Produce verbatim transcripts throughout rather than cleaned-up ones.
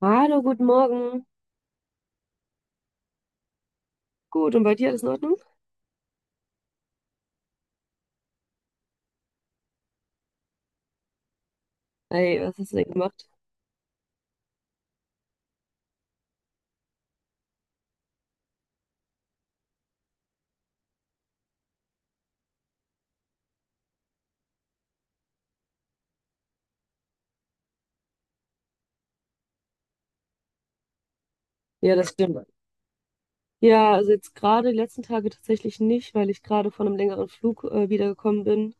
Hallo, guten Morgen. Gut, und bei dir alles in Ordnung? Hey, was hast du denn gemacht? Ja, das stimmt. Ja, also jetzt gerade die letzten Tage tatsächlich nicht, weil ich gerade von einem längeren Flug äh, wiedergekommen bin.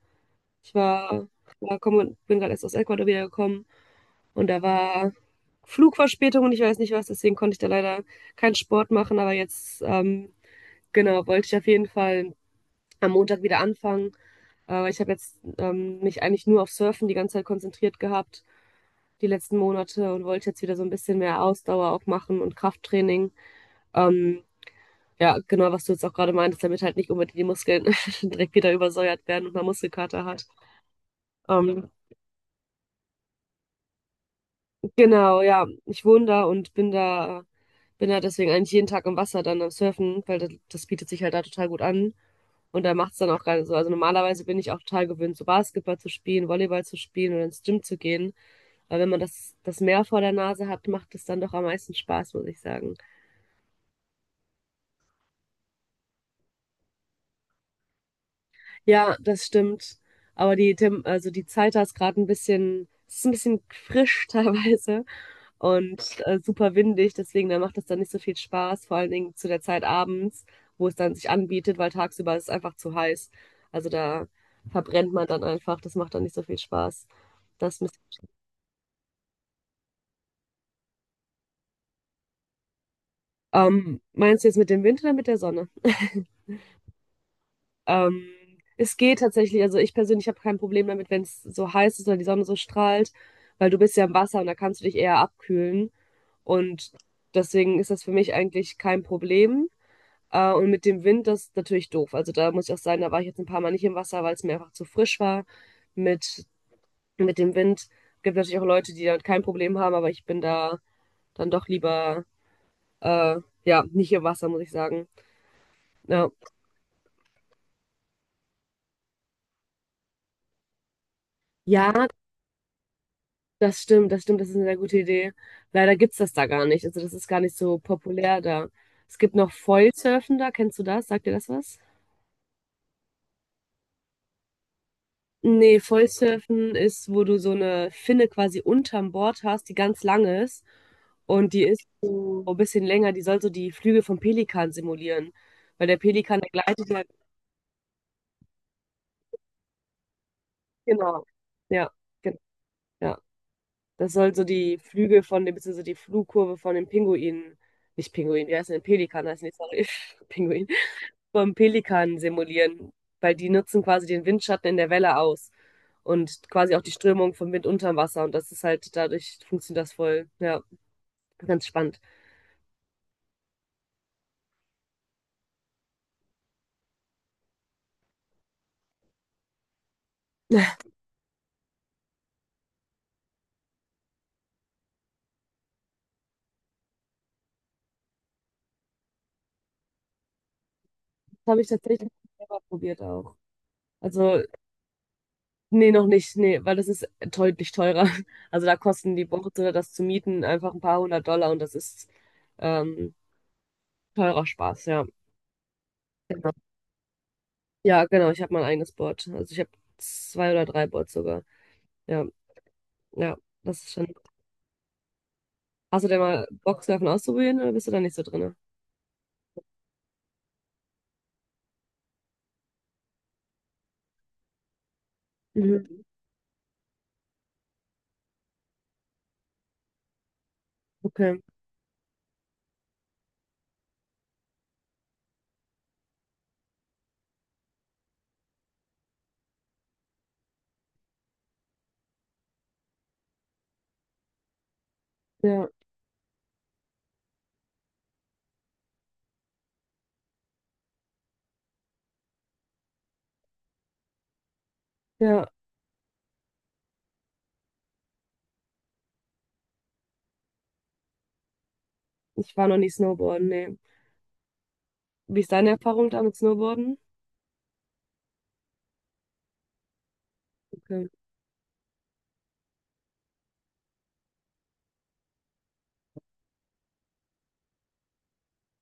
Ich war, war komm, Bin gerade erst aus Ecuador wiedergekommen und da war Flugverspätung und ich weiß nicht was, deswegen konnte ich da leider keinen Sport machen, aber jetzt, ähm, genau, wollte ich auf jeden Fall am Montag wieder anfangen. Aber ich habe jetzt ähm, mich eigentlich nur auf Surfen die ganze Zeit konzentriert gehabt die letzten Monate und wollte jetzt wieder so ein bisschen mehr Ausdauer auch machen und Krafttraining. Ähm, ja, genau, was du jetzt auch gerade meintest, damit halt nicht unbedingt die Muskeln direkt wieder übersäuert werden und man Muskelkater hat. Ähm, genau, ja, ich wohne da und bin da, bin da deswegen eigentlich jeden Tag im Wasser dann am Surfen, weil das, das bietet sich halt da total gut an. Und da macht es dann auch gerade so. Also normalerweise bin ich auch total gewöhnt, so Basketball zu spielen, Volleyball zu spielen oder ins Gym zu gehen. Aber wenn man das, das Meer vor der Nase hat, macht es dann doch am meisten Spaß, muss ich sagen. Ja, das stimmt. Aber die, Tem also die Zeit da ist gerade ein bisschen, es ist ein bisschen frisch teilweise und äh, super windig, deswegen da macht das dann nicht so viel Spaß, vor allen Dingen zu der Zeit abends, wo es dann sich anbietet, weil tagsüber ist es einfach zu heiß. Also da verbrennt man dann einfach, das macht dann nicht so viel Spaß. Das müsst- ähm, Meinst du jetzt mit dem Wind oder mit der Sonne? Ähm, Es geht tatsächlich, also ich persönlich habe kein Problem damit, wenn es so heiß ist oder die Sonne so strahlt, weil du bist ja im Wasser und da kannst du dich eher abkühlen. Und deswegen ist das für mich eigentlich kein Problem. Äh, und mit dem Wind, das ist natürlich doof. Also da muss ich auch sagen, da war ich jetzt ein paar Mal nicht im Wasser, weil es mir einfach zu frisch war mit, mit dem Wind. Gibt natürlich auch Leute, die damit kein Problem haben, aber ich bin da dann doch lieber, äh, ja, nicht im Wasser, muss ich sagen. Ja. Ja, das stimmt, das stimmt, das ist eine sehr gute Idee. Leider gibt's das da gar nicht. Also das ist gar nicht so populär da. Es gibt noch Foilsurfen da, kennst du das? Sagt dir das was? Nee, Foilsurfen ist, wo du so eine Finne quasi unterm Board hast, die ganz lang ist. Und die ist so ein bisschen länger, die soll so die Flügel vom Pelikan simulieren. Weil der Pelikan, der gleitet ja, genau. Ja, genau. Ja. Das soll so die Flügel von dem, beziehungsweise die Flugkurve von dem Pinguin, nicht Pinguin, wie heißt denn Pelikan, heißt nicht, sorry, Pinguin. Vom Pelikan simulieren, weil die nutzen quasi den Windschatten in der Welle aus und quasi auch die Strömung vom Wind unterm Wasser. Und das ist halt, dadurch funktioniert das voll. Ja, ganz spannend. Das habe ich tatsächlich selber probiert auch. Also, nee, noch nicht, nee, weil das ist deutlich teurer. Also da kosten die Boote oder das zu mieten einfach ein paar hundert Dollar und das ist ähm, teurer Spaß, ja. Genau. Ja, genau, ich habe mein eigenes Board. Also ich habe zwei oder drei Boards sogar. Ja, ja, das ist schon. Hast du denn mal Bock, Surfen auszuprobieren oder bist du da nicht so drin? Mhm. Okay. Ja, ja. Ich war noch nie Snowboarden, nee. Wie ist deine Erfahrung da mit Snowboarden? Okay.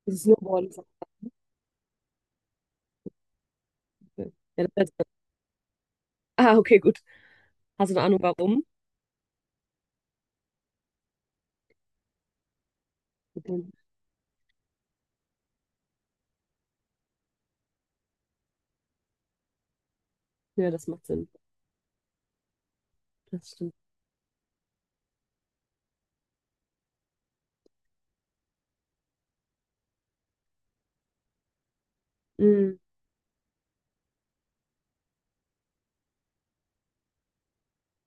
Also Snowboarden ist auch okay. Ja, das heißt, ah, okay, gut. Hast du eine Ahnung, warum? Okay. Ja, das macht Sinn. Das stimmt. Mhm.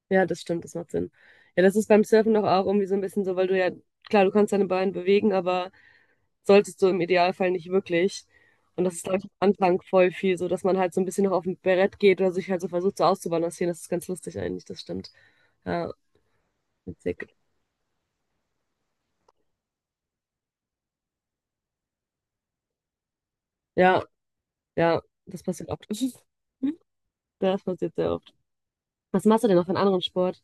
Ja, das stimmt, das macht Sinn. Ja, das ist beim Surfen doch auch irgendwie so ein bisschen so, weil du ja, klar, du kannst deine Beine bewegen, aber solltest du im Idealfall nicht wirklich. Und das ist, glaube ich, am Anfang voll viel so, dass man halt so ein bisschen noch auf dem Brett geht oder sich halt so versucht, so auszubalancieren. Das ist ganz lustig eigentlich, das stimmt. Ja, witzig. Ja, ja, das passiert oft. Das passiert sehr oft. Was machst du denn noch für einen anderen Sport,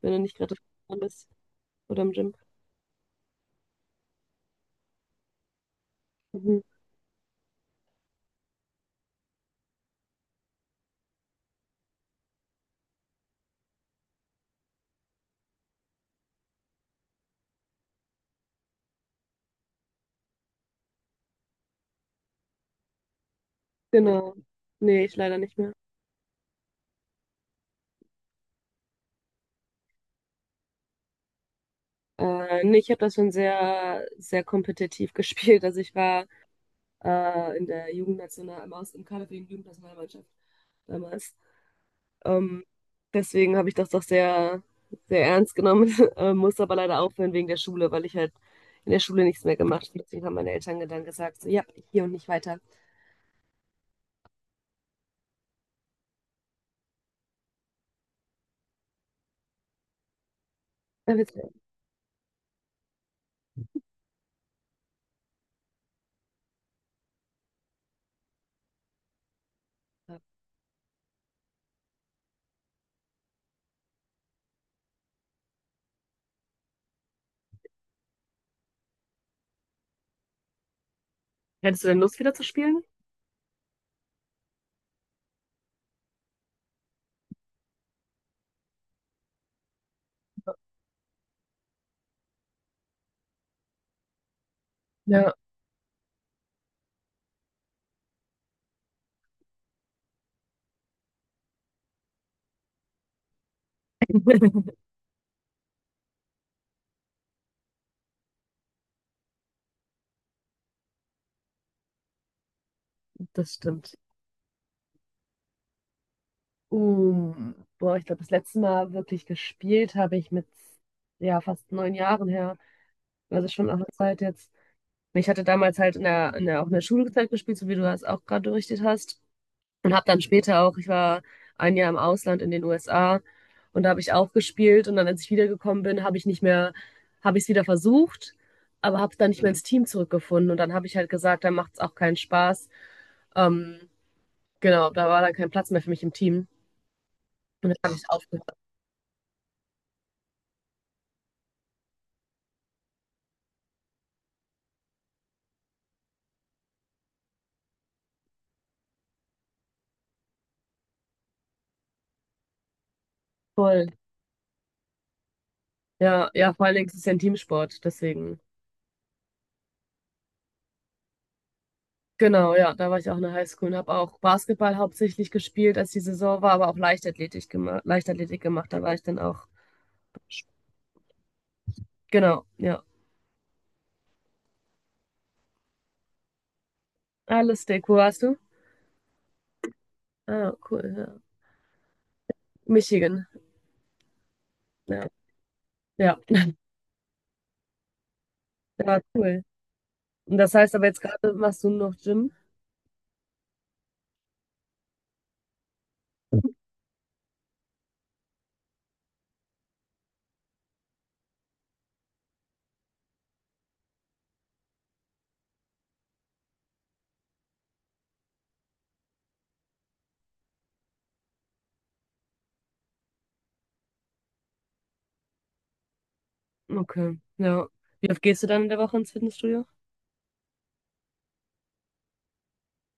wenn du nicht gerade dran bist oder im Gym? Mhm. Genau. Nee, ich leider nicht mehr. Äh, nee, ich habe das schon sehr, sehr kompetitiv gespielt. Also ich war äh, in der Jugendnational, im, Aus- im Kader für die Jugendnationalmannschaft damals. Ähm, Deswegen habe ich das doch sehr, sehr ernst genommen, äh, musste aber leider aufhören wegen der Schule, weil ich halt in der Schule nichts mehr gemacht habe. Deswegen haben meine Eltern dann gesagt, so, ja, hier und nicht weiter. Dann wird's besser. Hättest du denn Lust, wieder zu spielen? Ja, das stimmt. Um, boah, ich glaube, das letzte Mal wirklich gespielt habe ich mit ja fast neun Jahren her. Also schon auch eine Zeit jetzt. Ich hatte damals halt in der, in der, auch in der Schulzeit gespielt, so wie du das auch gerade berichtet hast. Und habe dann später auch, ich war ein Jahr im Ausland in den U S A und da habe ich auch gespielt. Und dann, als ich wiedergekommen bin, habe ich nicht mehr, habe ich es wieder versucht, aber habe dann nicht mehr ins Team zurückgefunden. Und dann habe ich halt gesagt, dann macht es auch keinen Spaß. Ähm, genau, da war dann kein Platz mehr für mich im Team. Und dann habe ich aufgehört. Voll. Ja, ja, vor allen Dingen ist es ja ein Teamsport, deswegen. Genau, ja, da war ich auch in der Highschool und habe auch Basketball hauptsächlich gespielt, als die Saison war, aber auch Leichtathletik gemacht, Leichtathletik gemacht, da war ich dann auch. Genau, ja. Ah, lustig. Wo warst du? Ah, cool, ja. Michigan. Ja. Ja. Ja, cool. Und das heißt aber jetzt gerade machst du noch Gym? Okay. Ja. Wie oft gehst du dann in der Woche ins Fitnessstudio?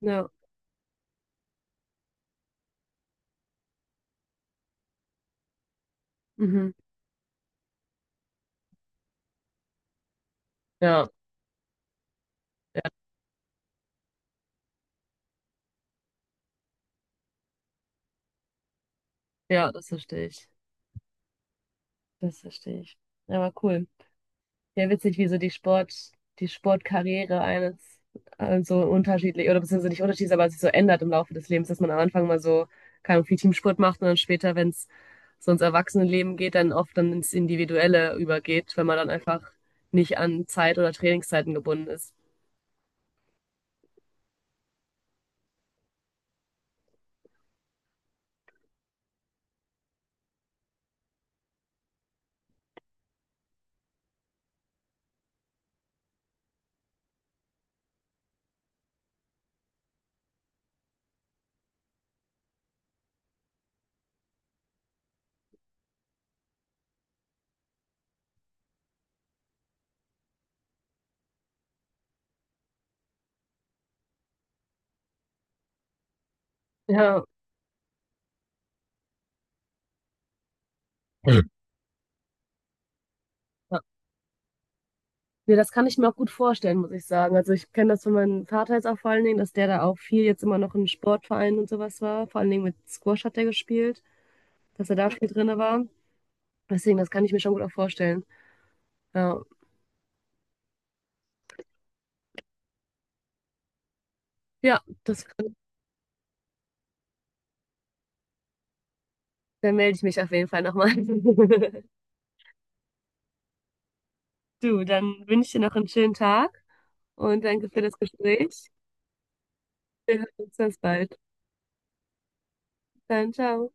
Ja. Mhm. Ja. Ja, ja, das verstehe ich. Das verstehe ich. Ja, aber cool. Ja, witzig, wie so die Sport, die Sportkarriere eines äh, so unterschiedlich, oder beziehungsweise nicht unterschiedlich, aber sich so ändert im Laufe des Lebens, dass man am Anfang mal so, keine Ahnung, viel Teamsport macht und dann später, wenn es so ins Erwachsenenleben geht, dann oft dann ins Individuelle übergeht, wenn man dann einfach nicht an Zeit oder Trainingszeiten gebunden ist. Ja. Voll. Ja, Nee, das kann ich mir auch gut vorstellen, muss ich sagen. Also ich kenne das von meinem Vater jetzt auch vor allen Dingen, dass der da auch viel jetzt immer noch in Sportvereinen und sowas war. Vor allen Dingen mit Squash hat er gespielt, dass er da viel drinne war. Deswegen, das kann ich mir schon gut auch vorstellen. Ja, ja das, Dann melde ich mich auf jeden Fall nochmal. Du, dann wünsche ich dir noch einen schönen Tag und danke für das Gespräch. Wir hören uns ganz bald. Dann, ciao.